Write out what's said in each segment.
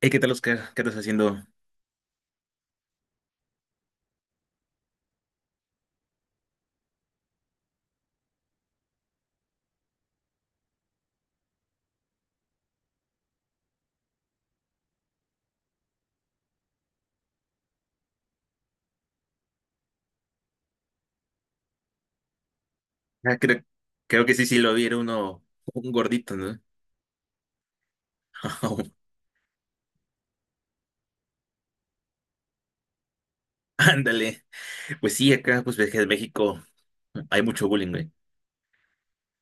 Hey, ¿qué tal, Oscar? ¿Qué estás haciendo? Ah, creo que sí, sí lo vi, era un gordito, ¿no? Ándale. Pues sí, acá, pues ves que en México hay mucho bullying, güey.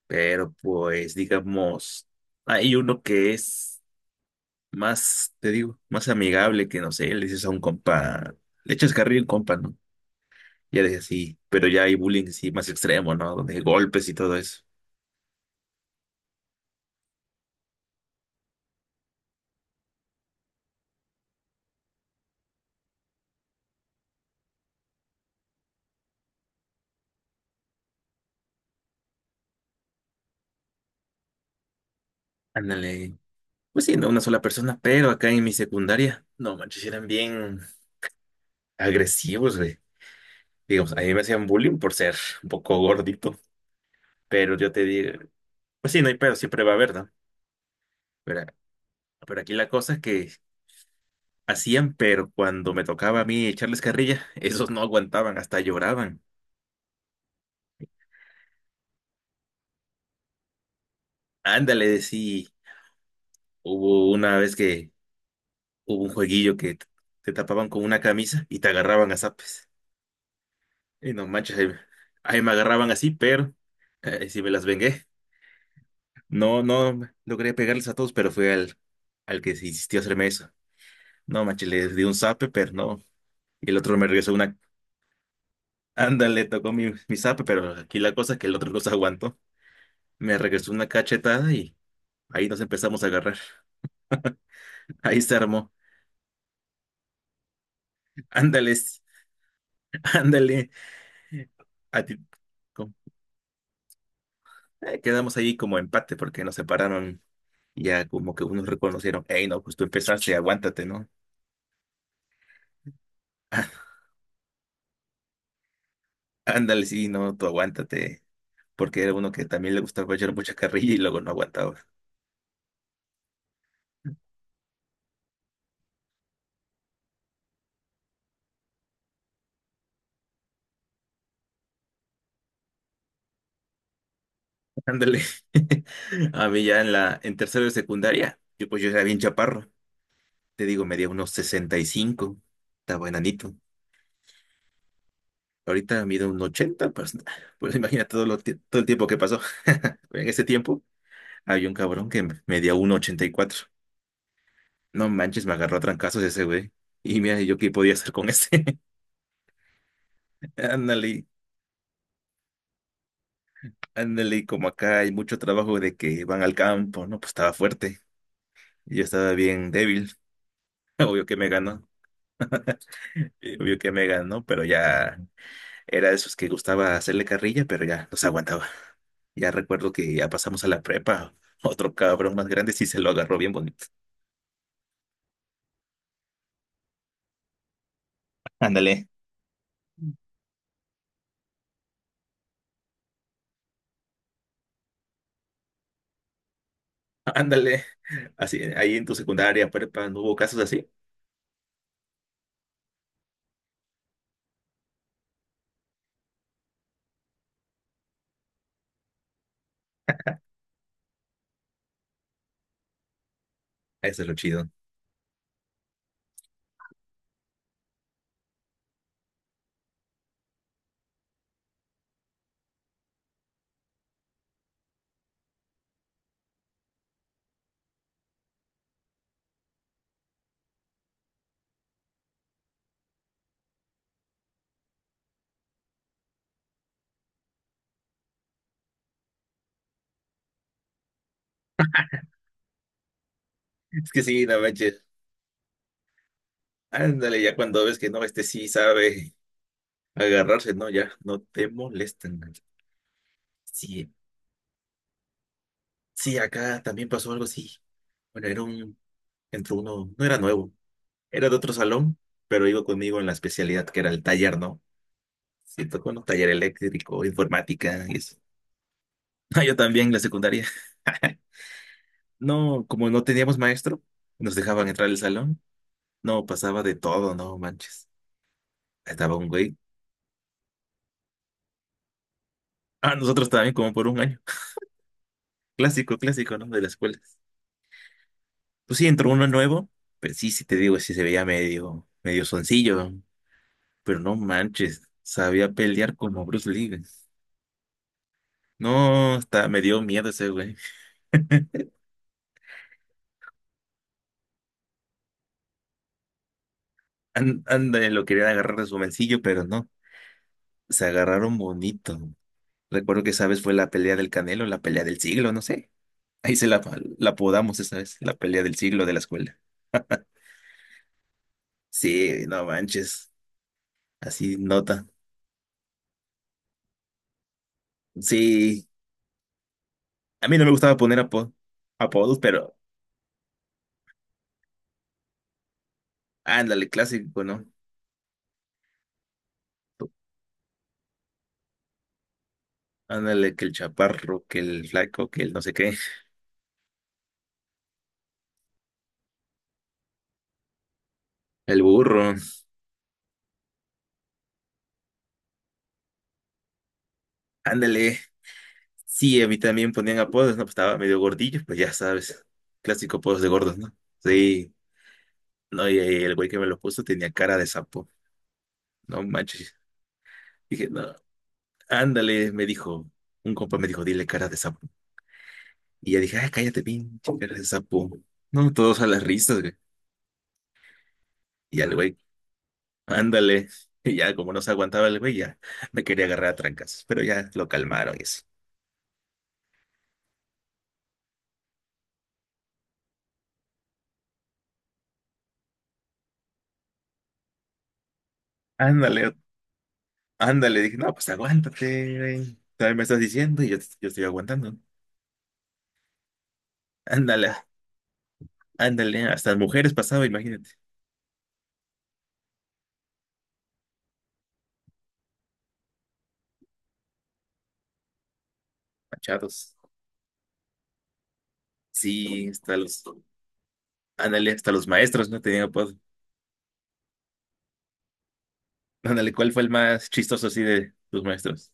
Pero pues, digamos, hay uno que es más, te digo, más amigable que, no sé, le dices a un compa, le echas carril a un compa, ¿no? Ya de así, pero ya hay bullying, sí, más extremo, ¿no? Donde hay golpes y todo eso. Ándale. Pues sí, no una sola persona, pero acá en mi secundaria, no manches, eran bien agresivos, güey. Digo, a mí me hacían bullying por ser un poco gordito, pero yo te digo, pues sí, no hay pero, siempre va a haber, ¿no? Pero, pero aquí la cosa es que hacían, pero cuando me tocaba a mí echarles carrilla, esos no aguantaban, hasta lloraban. Ándale, sí, hubo una vez que hubo un jueguillo que te tapaban con una camisa y te agarraban a zapes. Y no manches, ahí me agarraban así, pero sí me las vengué. No, no logré pegarles a todos, pero fue al que se insistió a hacerme eso. No, manches, le di un zape, pero no. Y el otro me regresó una. Ándale, tocó mi zape, pero aquí la cosa es que el otro no se aguantó. Me regresó una cachetada y ahí nos empezamos a agarrar. Ahí se armó. Ándale, ándale. A ti- com- quedamos ahí como empate porque nos separaron. Y ya como que unos reconocieron, hey, no, pues tú empezaste, aguántate, ¿no? Ándale, sí, no, tú aguántate. Porque era uno que también le gustaba echar mucha carrilla y luego no aguantaba. Ándale. A mí ya en tercero de secundaria, yo pues yo era bien chaparro. Te digo, medía unos 65. Estaba enanito. Ahorita mido 1.80 pues, pues imagina todo el tiempo que pasó. En ese tiempo había un cabrón que medía 1.84. No manches, me agarró a trancazos ese güey. Y mira, yo qué podía hacer con ese. Ándale, ándale, como acá hay mucho trabajo de que van al campo, ¿no? Pues estaba fuerte. Y yo estaba bien débil. Obvio que me ganó. Vio que me ganó, pero ya era de esos que gustaba hacerle carrilla, pero ya no se aguantaba. Ya recuerdo que ya pasamos a la prepa. Otro cabrón más grande sí se lo agarró bien bonito. Ándale. Ándale. Así, ahí en tu secundaria, prepa, ¿no hubo casos así? Eso es lo chido. Es que sí, no manches. Ándale, ya cuando ves que no, este sí sabe agarrarse, no, ya no te molestan. Sí, sí, acá también pasó algo así. Bueno, entró uno, no era nuevo. Era de otro salón, pero iba conmigo en la especialidad que era el taller, ¿no? Siento tocó un taller eléctrico, informática y eso. Ah, yo también, la secundaria. No, como no teníamos maestro, nos dejaban entrar al salón. No, pasaba de todo, no manches. Estaba un güey. Ah, nosotros también como por un año. Clásico, clásico, ¿no? De las escuelas. Pues sí, entró uno nuevo. Pues sí, sí te digo, sí se veía medio, medio soncillo. Pero no manches, sabía pelear como Bruce Lee, güey. No, hasta me dio miedo ese güey. Ándale, lo querían agarrar de su bolsillo, pero no. Se agarraron bonito. Recuerdo que esa vez fue la pelea del Canelo, la pelea del siglo, no sé. Ahí se la, la apodamos esa vez, la pelea del siglo de la escuela. Sí, no manches. Así nota. Sí, a mí no me gustaba poner apodos, pero ándale, clásico, ¿no? Ándale, que el chaparro, que el flaco, que el no sé qué, el burro. Ándale. Sí, a mí también ponían apodos, ¿no? Pues estaba medio gordillo, pues ya sabes, clásico apodos de gordos, ¿no? Sí, no, y ahí el güey que me lo puso tenía cara de sapo, no manches. Dije, no, ándale, me dijo, un compa me dijo, dile cara de sapo. Y ya dije, ay, cállate, pinche cara de sapo. No, todos a las risas, güey. Y al güey, ándale. Y ya, como no se aguantaba el güey, ya me quería agarrar a trancas, pero ya lo calmaron y así. Ándale, ándale, dije, no, pues aguántate, güey. También me estás diciendo y yo estoy aguantando. Ándale, ándale, hasta las mujeres pasaba, imagínate, machados. Sí, ándale, hasta los maestros no tenían apodo. Ándale, ¿cuál fue el más chistoso así de tus maestros?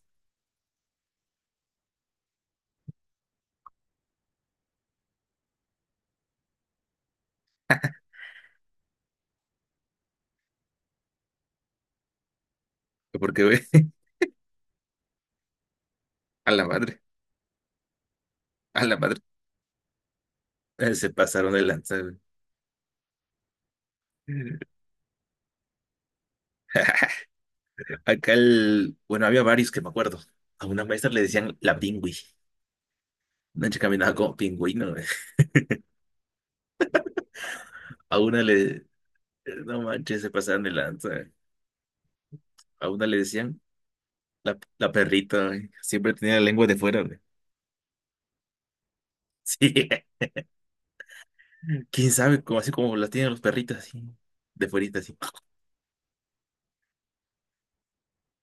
Porque, güey, a la madre, a la madre, se pasaron de lanza, güey. Acá el, bueno, había varios que me acuerdo. A una maestra le decían la pingüi. Una chica caminaba como pingüino, güey. A una le, no manches, se pasaron de lanza, güey. A una le decían la perrita, güey. Siempre tenía la lengua de fuera, güey. Sí, quién sabe, como así como las tienen los perritos, así, de fuerita, así,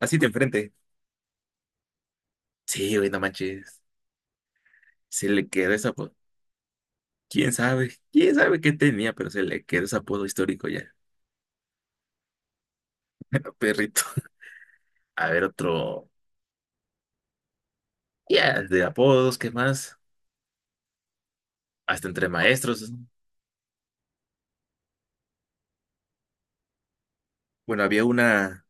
así de enfrente. Sí, güey, no manches, se le quedó ese apodo. Quién sabe qué tenía, pero se le quedó ese apodo histórico ya, al perrito. A ver, otro, ya, de apodos, ¿qué más? Hasta entre maestros, ¿no? Bueno, había una,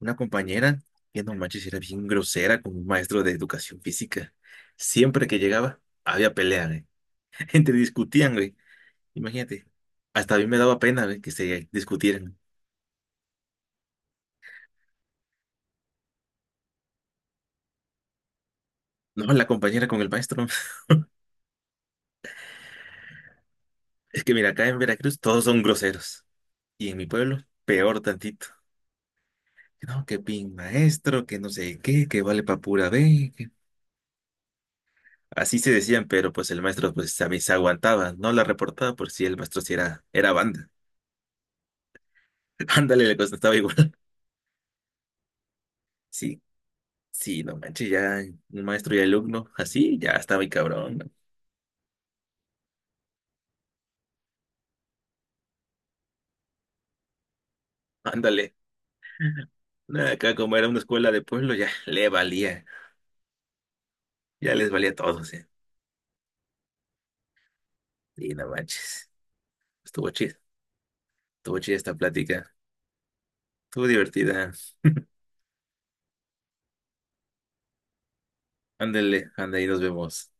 una compañera que no manches, era bien grosera con un maestro de educación física. Siempre que llegaba, había pelea, güey. Gente discutían, güey. Imagínate. Hasta a mí me daba pena, güey, que se discutieran. No, la compañera con el maestro. Es que mira, acá en Veracruz todos son groseros. Y en mi pueblo, peor tantito. No, que pin maestro, que no sé qué, que vale pa' pura B, que... Así se decían, pero pues el maestro pues a mí se aguantaba, no la reportaba por si el maestro sí era banda. Ándale, le contestaba igual. Sí, sí, no manches, ya un maestro y alumno, así ya estaba muy cabrón, ¿no? Ándale. Nah, acá como era una escuela de pueblo, ya le valía, ya les valía a todos, ¿eh? Y no manches, estuvo chido. Estuvo chida esta plática. Estuvo divertida. Ándale, anda y nos vemos.